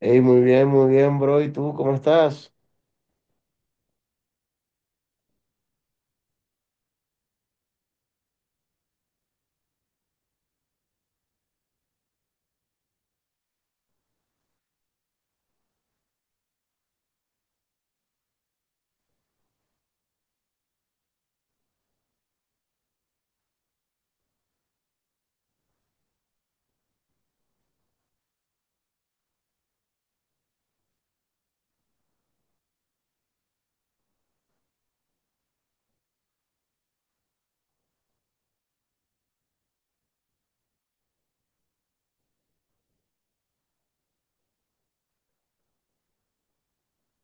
Hey muy bien, bro. ¿Y tú cómo estás?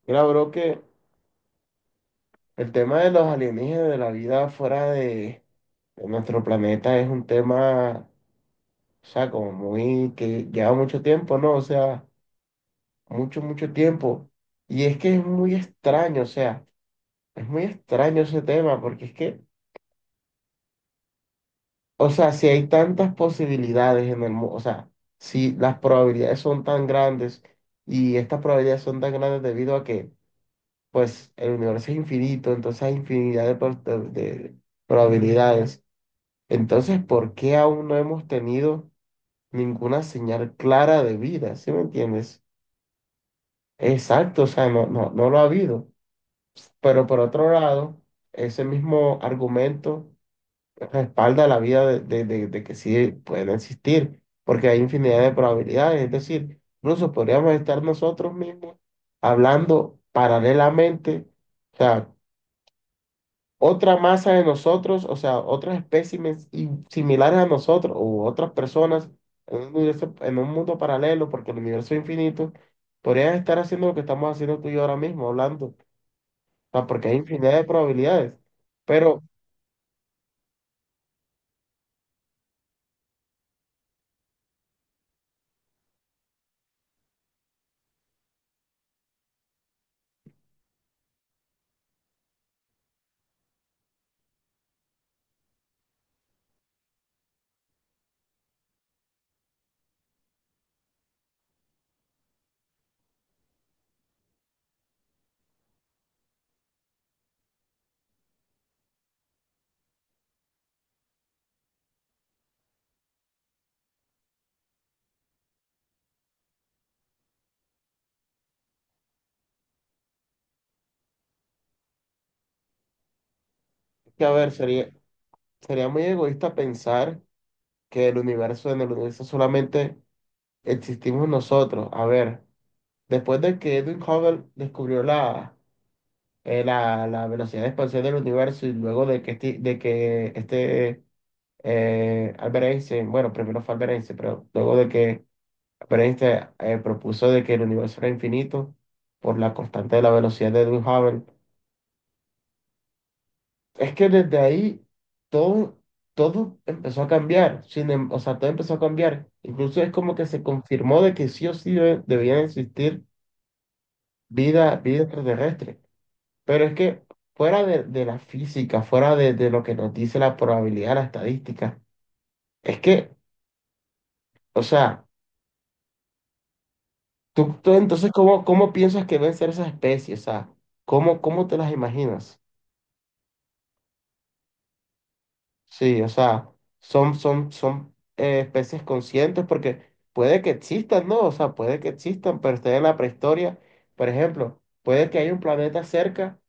Mira, bro, que el tema de los alienígenas, de la vida fuera de nuestro planeta es un tema, o sea, como muy, que lleva mucho tiempo, ¿no? O sea, mucho, mucho tiempo. Y es que es muy extraño, o sea, es muy extraño ese tema, porque es que, o sea, si hay tantas posibilidades en el mundo, o sea, si las probabilidades son tan grandes y estas probabilidades son tan grandes debido a que pues el universo es infinito, entonces hay infinidad de probabilidades. Entonces, ¿por qué aún no hemos tenido ninguna señal clara de vida? ¿Sí me entiendes? Exacto, o sea, no, no, no lo ha habido. Pero por otro lado, ese mismo argumento respalda la vida de que sí pueden existir, porque hay infinidad de probabilidades. Es decir, incluso podríamos estar nosotros mismos hablando paralelamente. O sea, otra masa de nosotros, o sea, otros espécimes similares a nosotros u otras personas en un universo, en un mundo paralelo, porque el universo es infinito, podrían estar haciendo lo que estamos haciendo tú y yo ahora mismo, hablando, o sea, porque hay infinidad de probabilidades. Pero, que a ver, sería muy egoísta pensar que el universo, en el universo solamente existimos nosotros. A ver, después de que Edwin Hubble descubrió la velocidad de expansión del universo y luego de que este, Albert Einstein, bueno, primero fue Albert Einstein, pero luego de que Albert Einstein propuso de que el universo era infinito por la constante de la velocidad de Edwin Hubble, es que desde ahí todo, todo empezó a cambiar, sin, em- o sea, todo empezó a cambiar. Incluso es como que se confirmó de que sí o sí debía existir vida extraterrestre. Pero es que fuera de la física, fuera de lo que nos dice la probabilidad, la estadística, es que, o sea, tú entonces, ¿cómo piensas que deben ser esas especies? O sea, ¿cómo te las imaginas? Sí, o sea, son especies conscientes porque puede que existan, ¿no? O sea, puede que existan, pero estén en la prehistoria. Por ejemplo, puede que haya un planeta cerca,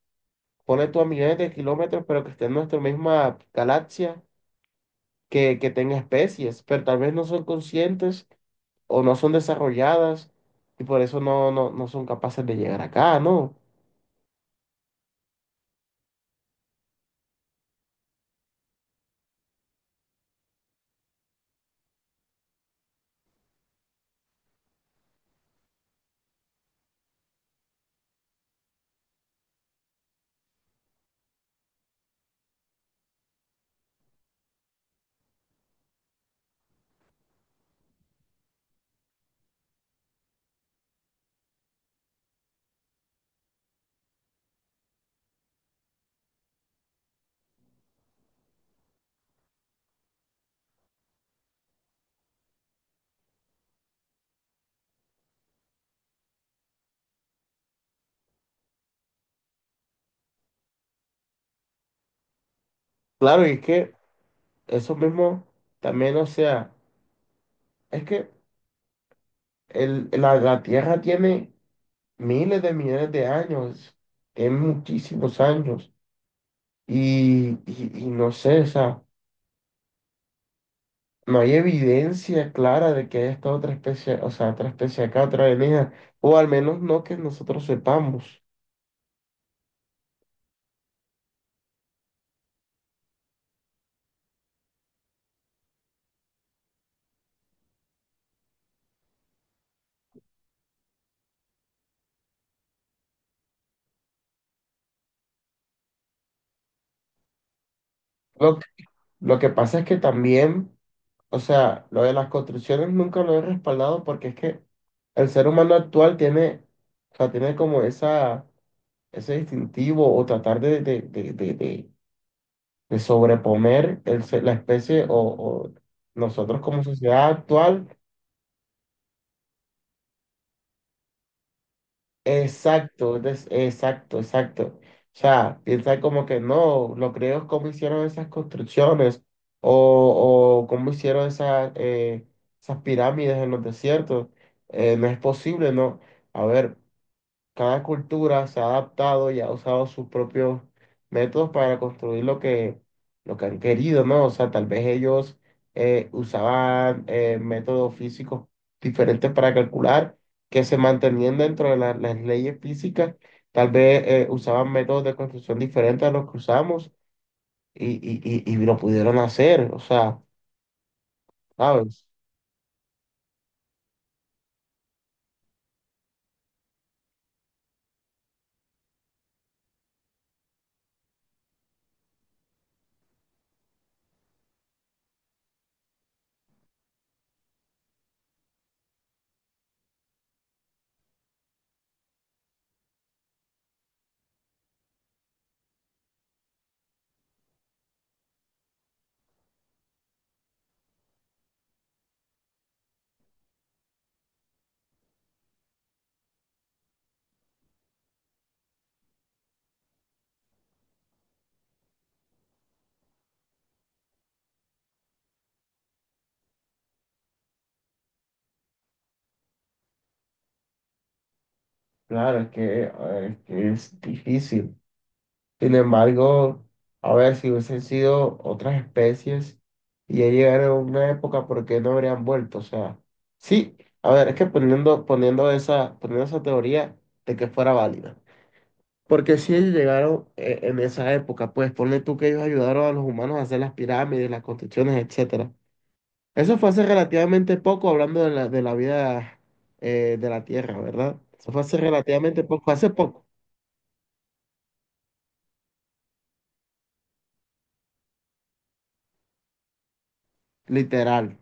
pone tú a millones de kilómetros, pero que esté en nuestra misma galaxia que tenga especies, pero tal vez no son conscientes o no son desarrolladas y por eso no, no, no son capaces de llegar acá, ¿no? Claro, y es que eso mismo también, o sea, es que la Tierra tiene miles de millones de años, tiene muchísimos años y no sé, o sea, no hay evidencia clara de que haya estado otra especie, o sea, otra especie acá, otra alienígena, o al menos no que nosotros sepamos. Lo Lo que pasa es que también, o sea, lo de las construcciones nunca lo he respaldado porque es que el ser humano actual tiene, o sea, tiene como esa, ese distintivo o tratar de sobreponer la especie o nosotros como sociedad actual. Exacto, exacto, exacto. O sea, piensa como que no, los griegos cómo hicieron esas construcciones o cómo hicieron esas pirámides en los desiertos. No es posible, ¿no? A ver, cada cultura se ha adaptado y ha usado sus propios métodos para construir lo que han querido, ¿no? O sea, tal vez ellos usaban métodos físicos diferentes para calcular que se mantenían dentro de las leyes físicas, tal vez usaban métodos de construcción diferentes a los que usamos y lo pudieron hacer, o sea, ¿sabes? Claro, es que, es que es difícil. Sin embargo, a ver, si hubiesen sido otras especies y ya llegaron a una época, ¿por qué no habrían vuelto? O sea, sí, a ver, es que poniendo esa teoría de que fuera válida. Porque si ellos llegaron en esa época, pues ponle tú que ellos ayudaron a los humanos a hacer las pirámides, las construcciones, etcétera. Eso fue hace relativamente poco, hablando de la vida de la Tierra, ¿verdad? Eso fue hace relativamente poco, hace poco, literal.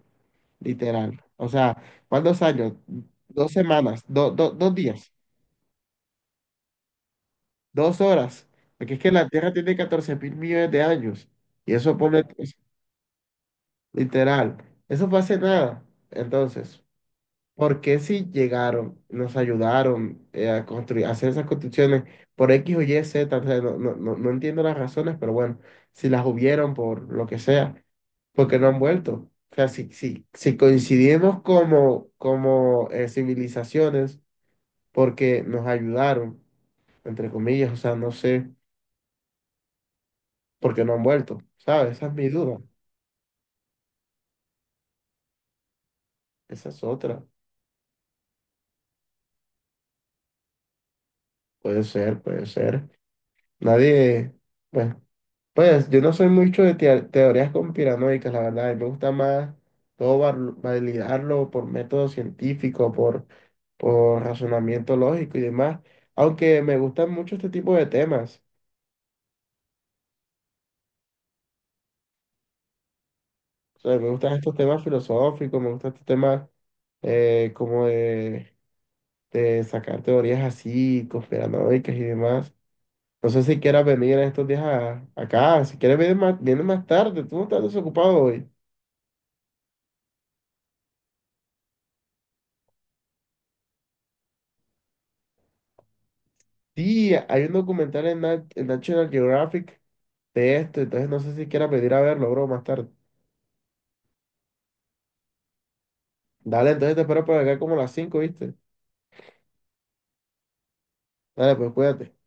Literal. O sea, ¿cuántos años? 2 semanas, dos días, 2 horas. Porque es que la Tierra tiene 14 mil millones de años. Y eso pone, literal, eso fue hace nada. Entonces, ¿por qué si llegaron, nos ayudaron a construir, a hacer esas construcciones por X o Y, Z? O sea, no, no, no no entiendo las razones, pero bueno, si las hubieron por lo que sea. Porque no han vuelto. O sea, si coincidimos como civilizaciones, porque nos ayudaron, entre comillas, o sea, no sé por qué no han vuelto, ¿sabes? Esa es mi duda, esa es otra. Puede ser, puede ser. Nadie, bueno, pues yo no soy mucho de teorías conspiranoicas, la verdad, y me gusta más todo validarlo por método científico, por razonamiento lógico y demás, aunque me gustan mucho este tipo de temas, o sea, me gustan estos temas filosóficos, me gustan estos temas como de sacar teorías así, conspiranoicas y demás. No sé si quieras venir en estos días acá, si quieres venir más, vienes más tarde, tú no estás desocupado hoy. Sí, hay un documental en National Geographic de esto, entonces no sé si quieras venir a verlo, bro, más tarde. Dale, entonces te espero por acá como a las 5, ¿viste? Dale, pues cuídate.